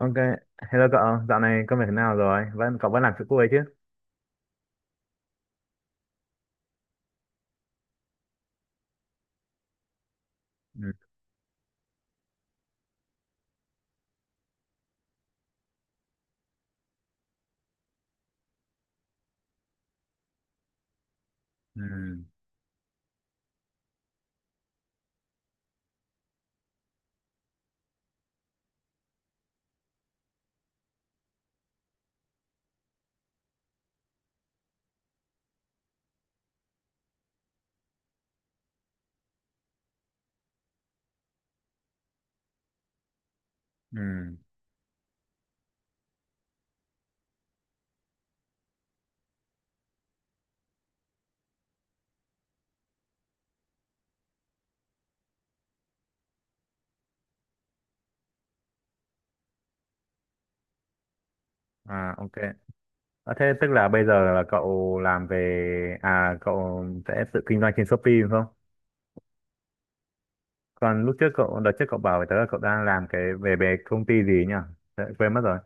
Ok, hello cậu, dạo này công việc thế nào rồi? Cậu vẫn làm chỗ cuối chứ? Ừ, ừ, ừ. À, ok. À, thế tức là bây giờ là cậu làm về à cậu sẽ tự kinh doanh trên Shopee đúng không? Còn lúc trước cậu đợt trước cậu bảo với tớ là cậu đang làm cái về về công ty gì nhỉ? Tớ quên mất rồi.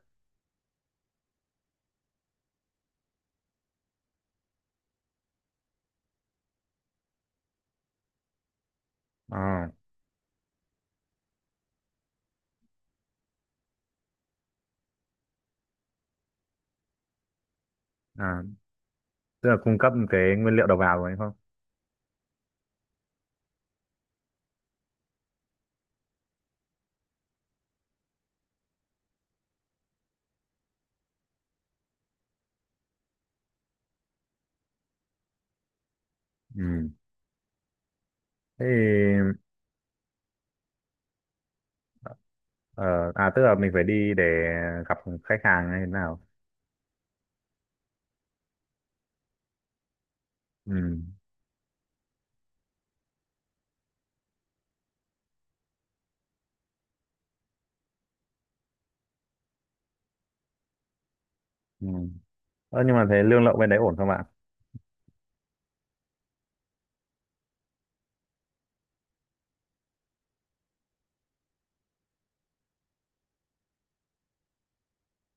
Ờ, À, tức là cung cấp cái nguyên liệu đầu vào rồi đúng không? Ừ. Thế thì, ờ, à, tức là mình phải đi để gặp khách hàng hay thế nào? Ừ. Ừ. Nhưng mà thế lương lậu bên đấy ổn không ạ?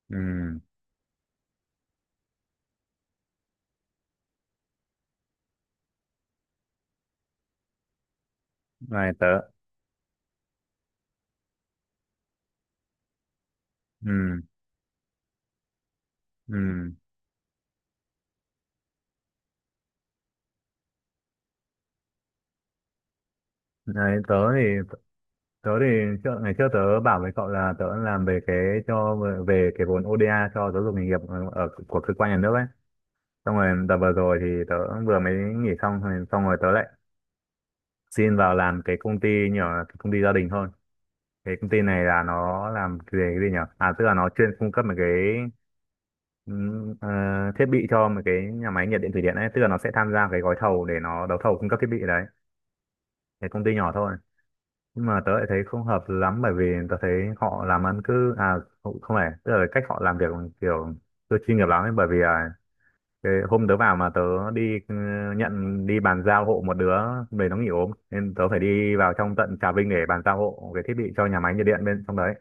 Ừ. Này tớ ừ ừ Này tớ thì trước, ngày trước tớ bảo với cậu là tớ làm về cho cái vốn ODA cho giáo dục nghề nghiệp ở của cơ quan nhà nước ấy, xong rồi đợt vừa rồi thì tớ vừa mới nghỉ xong rồi tớ lại xin vào làm cái công ty nhỏ, cái công ty gia đình thôi. Cái công ty này là nó làm về cái gì nhỉ, à tức là nó chuyên cung cấp một cái ừm, ờ, thiết bị cho một cái nhà máy nhiệt điện thủy điện ấy, tức là nó sẽ tham gia cái gói thầu để nó đấu thầu cung cấp thiết bị đấy. Cái công ty nhỏ thôi, nhưng mà tớ lại thấy không hợp lắm, bởi vì tớ thấy họ làm ăn cứ à không, không phải, tức là cách họ làm việc kiểu chưa chuyên nghiệp lắm ấy, bởi vì à, cái hôm tớ vào mà tớ đi nhận đi bàn giao hộ một đứa, về nó nghỉ ốm nên tớ phải đi vào trong tận Trà Vinh để bàn giao hộ cái thiết bị cho nhà máy nhiệt điện bên trong đấy.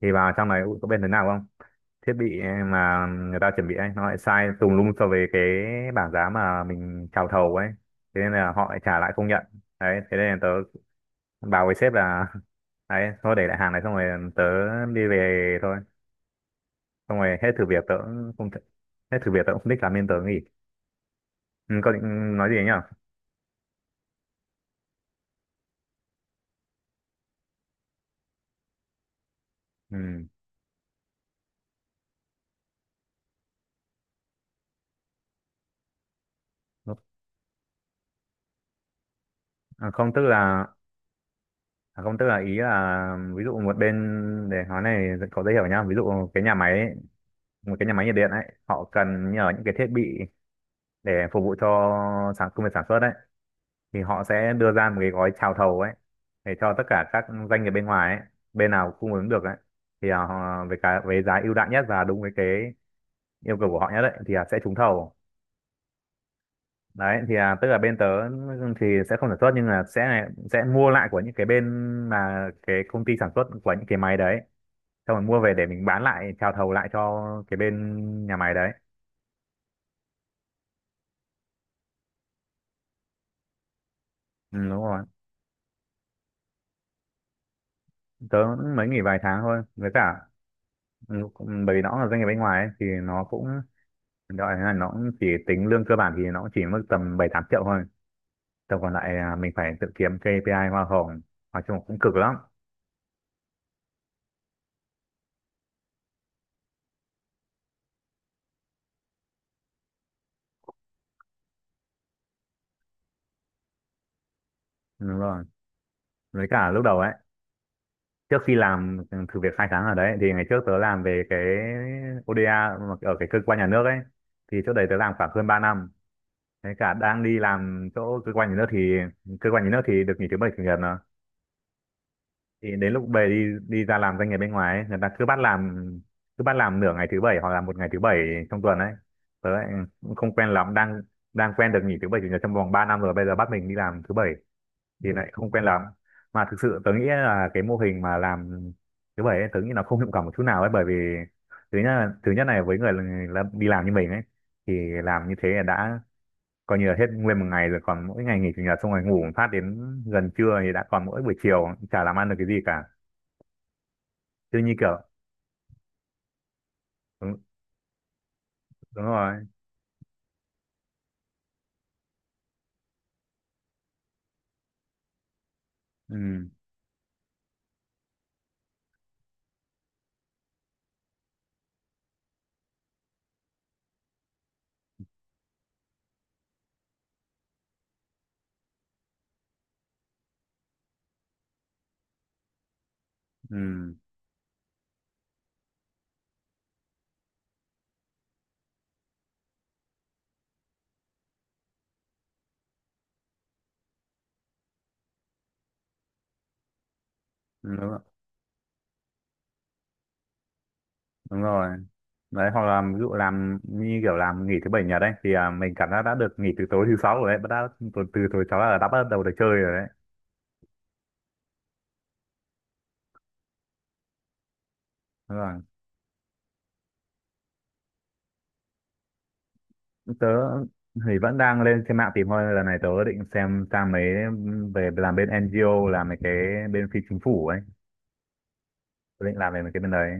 Thì vào trong này ui, có bên thế nào không, thiết bị mà người ta chuẩn bị ấy nó lại sai tùm lum so với cái bảng giá mà mình chào thầu ấy, thế nên là họ lại trả lại không nhận. Đấy thế nên là tớ bảo với sếp là đấy thôi để lại hàng này, xong rồi tớ đi về thôi, xong rồi hết thử việc tớ cũng không th- hết thử việc tớ cũng không thích làm nên tớ nghỉ. Ừ, có định nói gì nhỉ. Ừ. À, không tức là, ý là ví dụ một bên, để nói này có dễ hiểu nhá, ví dụ cái nhà máy ấy, một cái nhà máy nhiệt điện ấy họ cần nhờ những cái thiết bị để phục vụ cho công việc sản xuất đấy, thì họ sẽ đưa ra một cái gói chào thầu ấy để cho tất cả các doanh nghiệp bên ngoài ấy, bên nào cung ứng được ấy thì à, họ với cái với giá ưu đãi nhất và đúng với cái yêu cầu của họ nhất ấy thì à, sẽ trúng thầu. Đấy thì à, tức là bên tớ thì sẽ không sản xuất nhưng là sẽ mua lại của những cái bên mà cái công ty sản xuất của những cái máy đấy, xong rồi mua về để mình bán lại chào thầu lại cho cái bên nhà máy đấy. Ừ, đúng rồi. Tớ mới nghỉ vài tháng thôi, với cả ừ, bởi vì nó là doanh nghiệp bên ngoài ấy, thì nó cũng đó là nó cũng chỉ tính lương cơ bản thì nó cũng chỉ mức tầm bảy tám triệu thôi. Tầm còn lại à, mình phải tự kiếm P.I. hoa hồng. Nói chung cũng cực lắm. Đúng rồi. Với cả lúc đầu ấy, trước khi làm thử việc 2 tháng ở đấy, thì ngày trước tớ làm về cái ODA mà ở cái cơ quan nhà nước ấy. Thì chỗ đấy tớ làm khoảng hơn 3 năm. Thế cả đang đi làm chỗ cơ quan nhà nước thì cơ quan nhà nước thì được nghỉ thứ bảy chủ nhật à, thì đến lúc về đi đi ra làm doanh nghiệp bên ngoài ấy, người ta cứ bắt làm nửa ngày thứ bảy hoặc là một ngày thứ bảy trong tuần ấy, tớ lại cũng không quen lắm, đang đang quen được nghỉ thứ bảy chủ nhật trong vòng 3 năm rồi bây giờ bắt mình đi làm thứ bảy thì lại không quen lắm. Mà thực sự tớ nghĩ là cái mô hình mà làm thứ bảy ấy, tớ nghĩ nó không hiệu quả một chút nào ấy, bởi vì thứ nhất này với người là đi làm như mình ấy, thì làm như thế là đã coi như là hết nguyên một ngày rồi, còn mỗi ngày nghỉ chủ nhật xong rồi ngủ một phát đến gần trưa thì đã còn mỗi buổi chiều chả làm ăn được cái gì cả. Kiểu như kiểu đúng, đúng rồi. Ừ, ừ, đúng, đúng rồi. Đấy hoặc là ví dụ làm như kiểu làm nghỉ thứ bảy nhật đấy thì à, mình cảm giác đã được nghỉ từ tối thứ sáu rồi đấy bắt đã từ từ tối sáu là đã bắt đầu được chơi rồi đấy. Đúng rồi. Tớ thì vẫn đang lên trên mạng tìm thôi, lần này tớ định xem sang mấy, về làm bên NGO, làm mấy cái bên phi chính phủ ấy, tớ định làm về mấy cái bên đấy.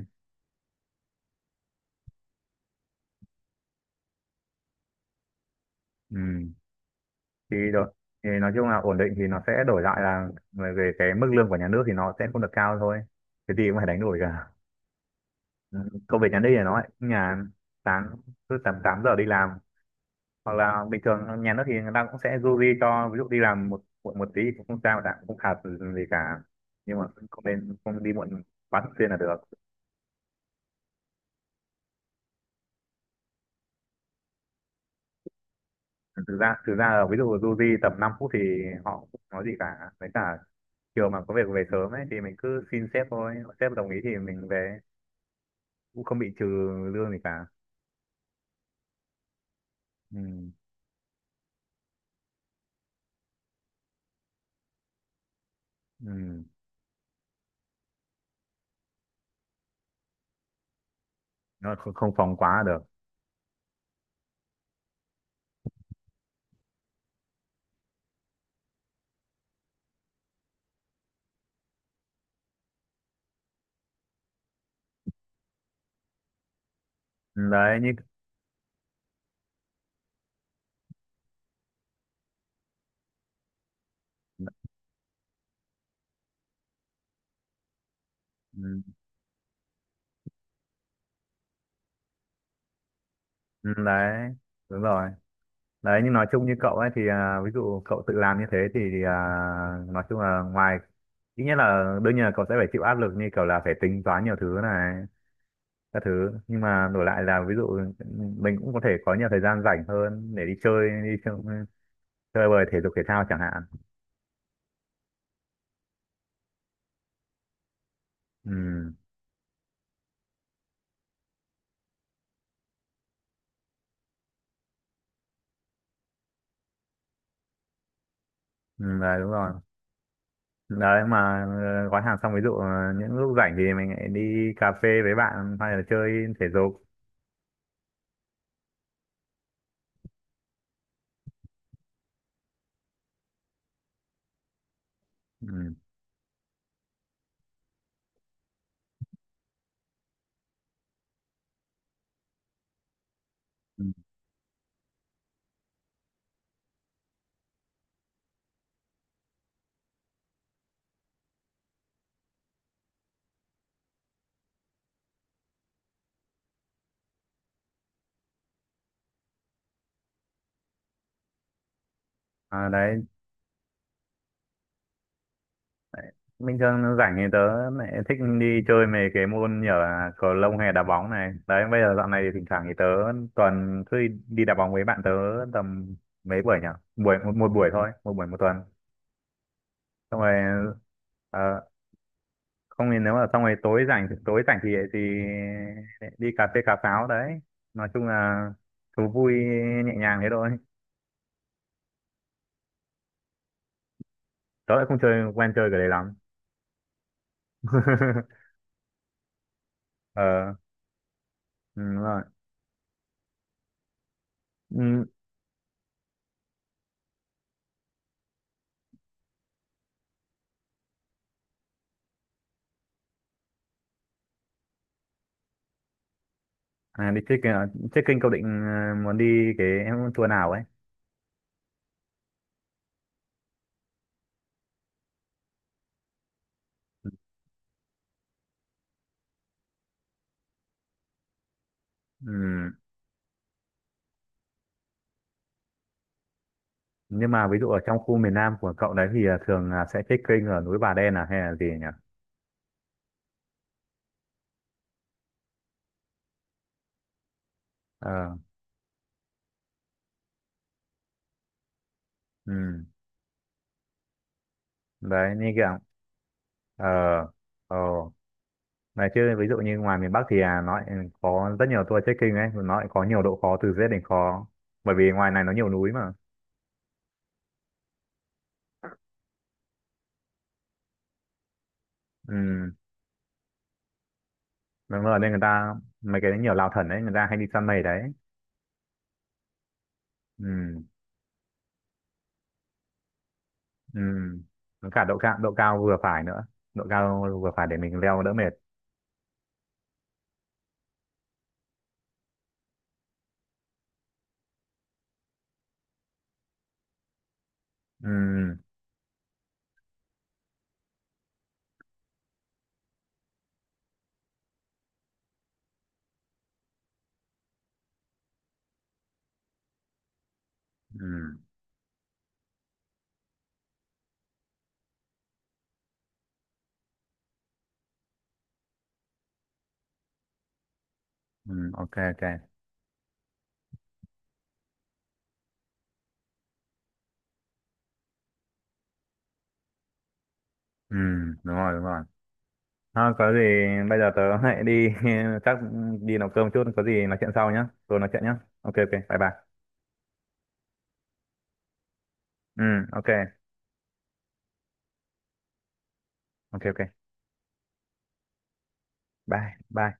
Ừ. Thì đổi, thì nói chung là ổn định thì nó sẽ đổi lại là về về cái mức lương của nhà nước thì nó sẽ không được cao thôi, cái gì cũng phải đánh đổi cả. Ừ, công việc nhà nước thì nói nhà sáng cứ tầm 8 giờ đi làm, hoặc là bình thường nhà nước thì người ta cũng sẽ du di cho ví dụ đi làm một muộn một tí thì cũng không sao cả, cũng không phạt gì cả, nhưng mà không nên không đi muộn quá thường xuyên là được. Thực ra là ví dụ du di tầm 5 phút thì họ cũng không nói gì cả, với cả chiều mà có việc về sớm ấy thì mình cứ xin sếp thôi, sếp đồng ý thì mình về cũng không bị trừ lương gì cả. Ừ. Ừ. Nó không, không phóng quá được. Ừ, đấy như. Ừ. Ừ, đấy đúng rồi. Đấy nhưng nói chung như cậu ấy thì à, ví dụ cậu tự làm như thế thì à, nói chung là ngoài, ít nhất là đương nhiên là cậu sẽ phải chịu áp lực như kiểu là phải tính toán nhiều thứ này các thứ, nhưng mà đổi lại là ví dụ mình cũng có thể có nhiều thời gian rảnh hơn để đi chơi, chơi bời thể dục thể thao chẳng hạn. Ừ, ừ đấy đúng rồi. Đấy mà ờ, gói hàng xong ví dụ ờ, những lúc rảnh thì mình lại đi cà phê với bạn hay là chơi thể dục. Ừ. Ừ. À, đấy bình thường rảnh thì tớ lại thích đi chơi mấy cái môn như là cầu lông hay đá bóng này đấy, bây giờ dạo này thì thỉnh thoảng thì tớ tuần cứ đi đi đá bóng với bạn, tớ tầm mấy buổi nhỉ, buổi một, một buổi thôi, một buổi một tuần, xong rồi ờ, không thì nếu mà xong rồi tối rảnh thì đi cà phê cà pháo đấy. Nói chung là thú vui nhẹ nhàng thế thôi. Tớ lại không chơi quen chơi cái đấy lắm. Ờ, ừ, đúng rồi. Ừ. À, đi trekking à? Trekking cậu định ờ, muốn đi cái tour nào ấy? Ừm, Nhưng mà ví dụ ở trong khu miền Nam của cậu đấy thì ờ, thường là sẽ trekking ở núi Bà Đen à hay là gì nhỉ? Ờ, ừm. Đấy như kiểu ờ, ờ, đấy chứ ví dụ như ngoài miền Bắc thì à, nó lại có rất nhiều tour trekking ấy, nó lại có nhiều độ khó từ dễ đến khó. Bởi vì ngoài này nó nhiều núi mà. Ừm, Đúng rồi nên người ta mấy cái nhiều lao thần đấy người ta hay đi săn mây đấy. Ừ. Ừ với cả độ cao vừa phải nữa, độ cao vừa phải để mình leo đỡ mệt. Ừ. Ừ. Ừ, ok, ok. Ừ, đúng rồi, đúng rồi. Thôi có gì bây giờ tớ hãy đi chắc đi nấu cơm chút, có gì nói chuyện sau nhá, rồi nói chuyện nhá. Ok, ok, bye bye. Ừ, ok, ok, ok, bye bye.